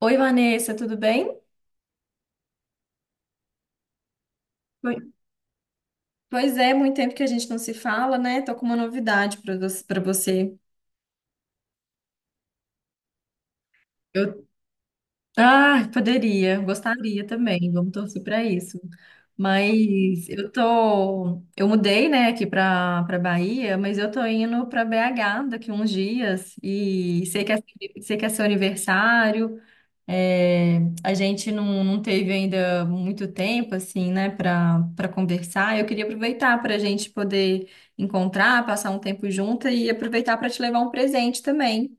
Oi, Vanessa, tudo bem? Oi. Pois é, muito tempo que a gente não se fala, né? Tô com uma novidade para você, para você. Eu, poderia, gostaria também. Vamos torcer para isso. Mas eu tô, eu mudei, né, aqui para Bahia, mas eu tô indo para BH daqui uns dias e sei sei que é seu aniversário. É, a gente não teve ainda muito tempo, assim, né, para conversar. Eu queria aproveitar para a gente poder encontrar, passar um tempo junto e aproveitar para te levar um presente também.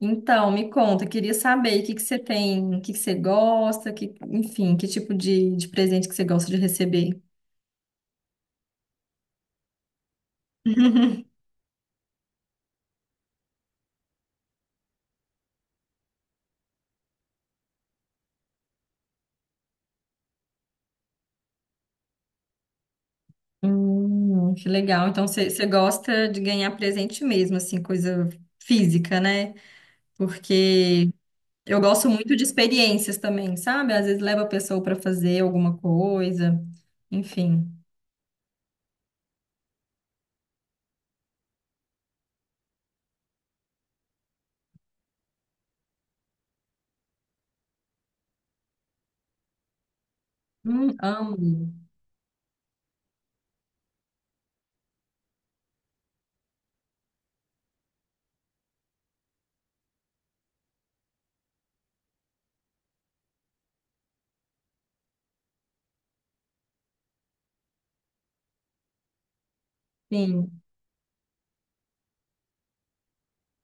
Então, me conta, eu queria saber o que que você tem, o que que você gosta, que, enfim, que tipo de presente que você gosta de receber. Que legal. Então, você gosta de ganhar presente mesmo, assim, coisa física, né? Porque eu gosto muito de experiências também, sabe? Às vezes leva a pessoa para fazer alguma coisa, enfim. Amo. Sim.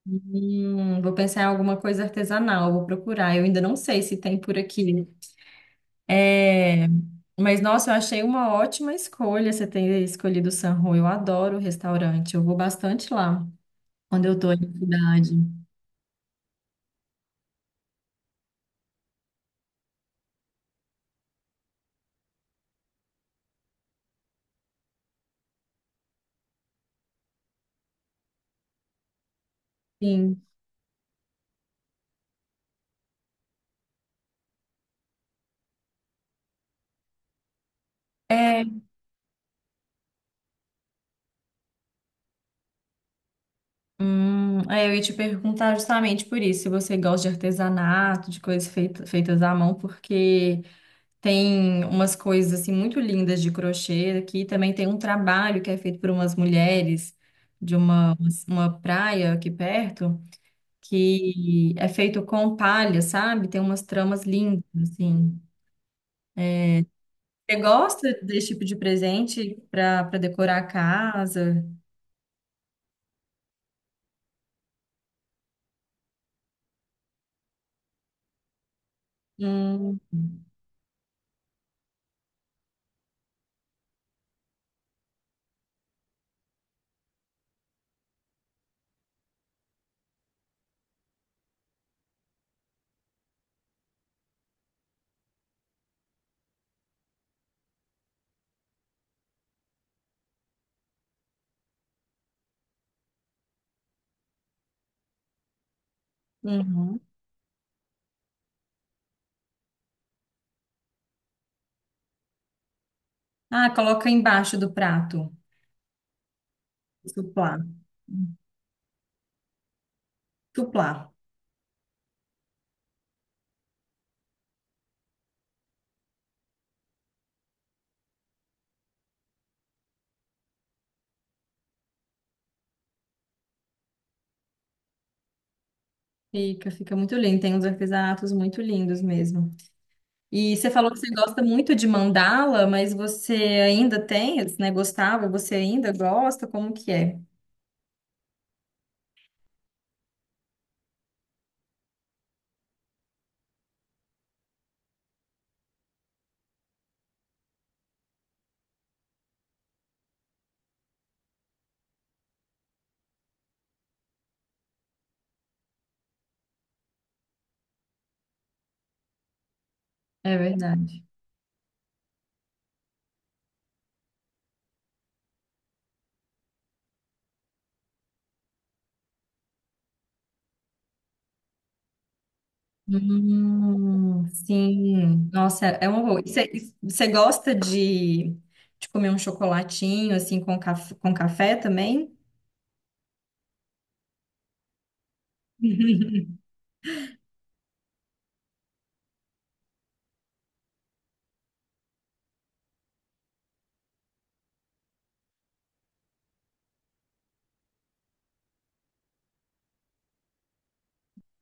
Vou pensar em alguma coisa artesanal, vou procurar. Eu ainda não sei se tem por aqui. É, mas nossa, eu achei uma ótima escolha você ter escolhido o San Rô. Eu adoro o restaurante, eu vou bastante lá quando eu tô em cidade. Sim. É, hum, é, eu ia te perguntar justamente por isso, se você gosta de artesanato, de coisas feitas à mão, porque tem umas coisas assim muito lindas de crochê aqui, também tem um trabalho que é feito por umas mulheres de uma praia aqui perto, que é feito com palha, sabe? Tem umas tramas lindas, assim. Você gosta desse tipo de presente para decorar a casa? Hum, uhum. Ah, coloca embaixo do prato. Suplá. Suplá. Fica, fica muito lindo. Tem uns artesanatos muito lindos mesmo. E você falou que você gosta muito de mandala, mas você ainda tem, né? Gostava, você ainda gosta? Como que é? É verdade. Sim. Nossa, é uma boa. E você gosta de comer um chocolatinho, assim, com, com café também?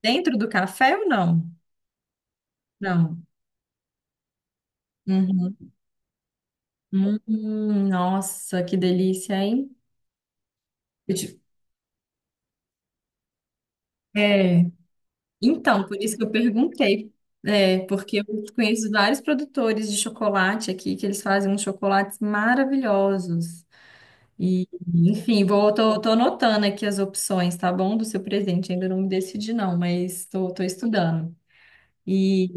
Dentro do café ou não? Não. Uhum. Nossa, que delícia, hein? É, então, por isso que eu perguntei, é, porque eu conheço vários produtores de chocolate aqui, que eles fazem uns chocolates maravilhosos. E, enfim, vou, tô, tô anotando aqui as opções, tá bom? Do seu presente, ainda não me decidi não, mas tô, tô estudando. E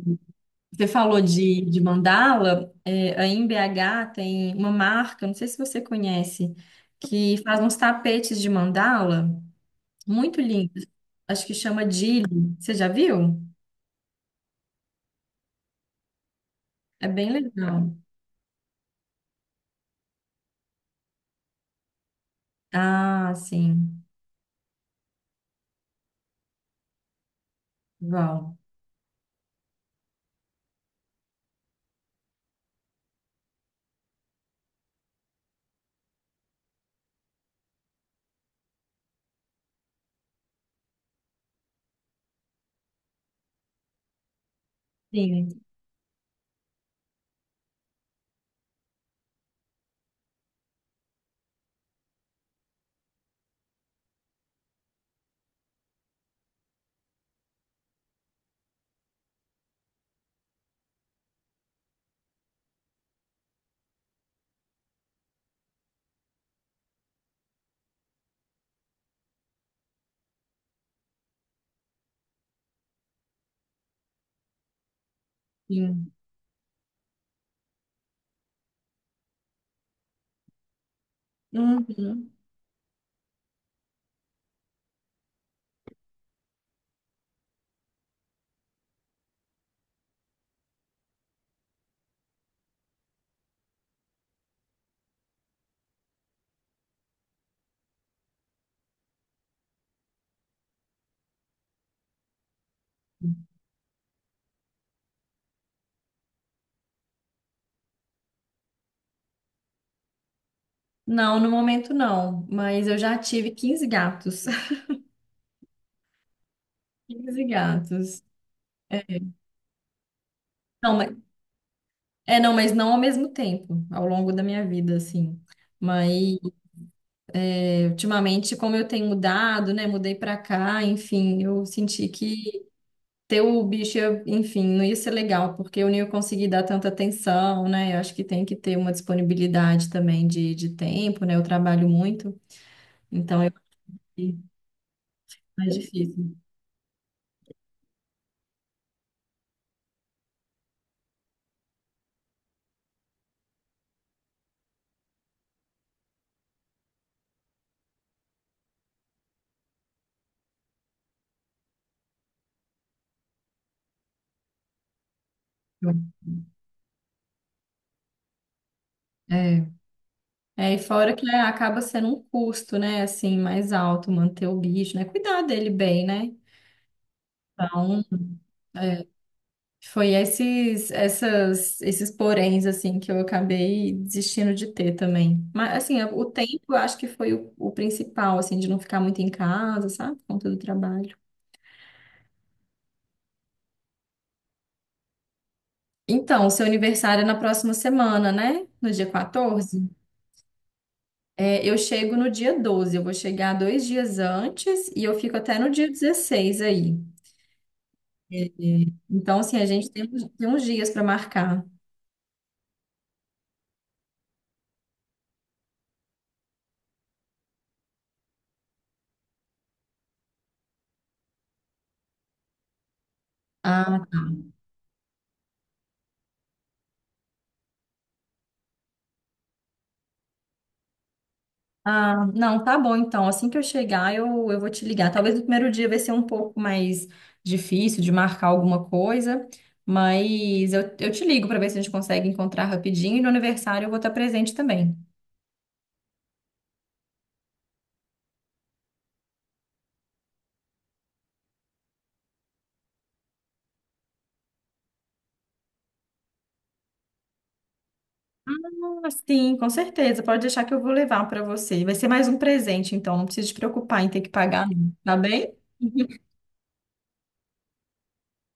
você falou de mandala, é, aí em BH tem uma marca, não sei se você conhece, que faz uns tapetes de mandala, muito lindos, acho que chama Dili, você já viu? É bem legal. Ah, sim. Vão. Sim, sim. Uhum. Não, no momento não, mas eu já tive 15 gatos. 15 gatos. É, não, mas, é, não, mas não ao mesmo tempo, ao longo da minha vida, assim. Mas é, ultimamente, como eu tenho mudado, né, mudei pra cá, enfim, eu senti que ter o bicho, enfim, não ia ser legal, porque eu não ia conseguir dar tanta atenção, né? Eu acho que tem que ter uma disponibilidade também de tempo, né? Eu trabalho muito. Então, eu acho que é mais difícil. É. É, e fora que né, acaba sendo um custo, né, assim, mais alto, manter o bicho, né, cuidar dele bem, né? Então, é, foi esses poréns, assim, que eu acabei desistindo de ter também. Mas, assim, o tempo eu acho que foi o principal, assim, de não ficar muito em casa, sabe, por conta do trabalho. Então, o seu aniversário é na próxima semana, né? No dia 14. É, eu chego no dia 12, eu vou chegar dois dias antes e eu fico até no dia 16 aí. É, é. Então, assim, a gente tem, tem uns dias para marcar. Ah, não, tá bom, então. Assim que eu chegar, eu vou te ligar. Talvez no primeiro dia vai ser um pouco mais difícil de marcar alguma coisa, mas eu te ligo para ver se a gente consegue encontrar rapidinho. E no aniversário eu vou estar presente também. Ah, sim, com certeza. Pode deixar que eu vou levar para você. Vai ser mais um presente, então não precisa te preocupar em ter que pagar, não. Tá bem?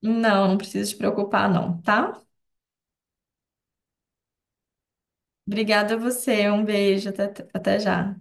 Não, não precisa te preocupar, não, tá? Obrigada a você. Um beijo. Até, até já.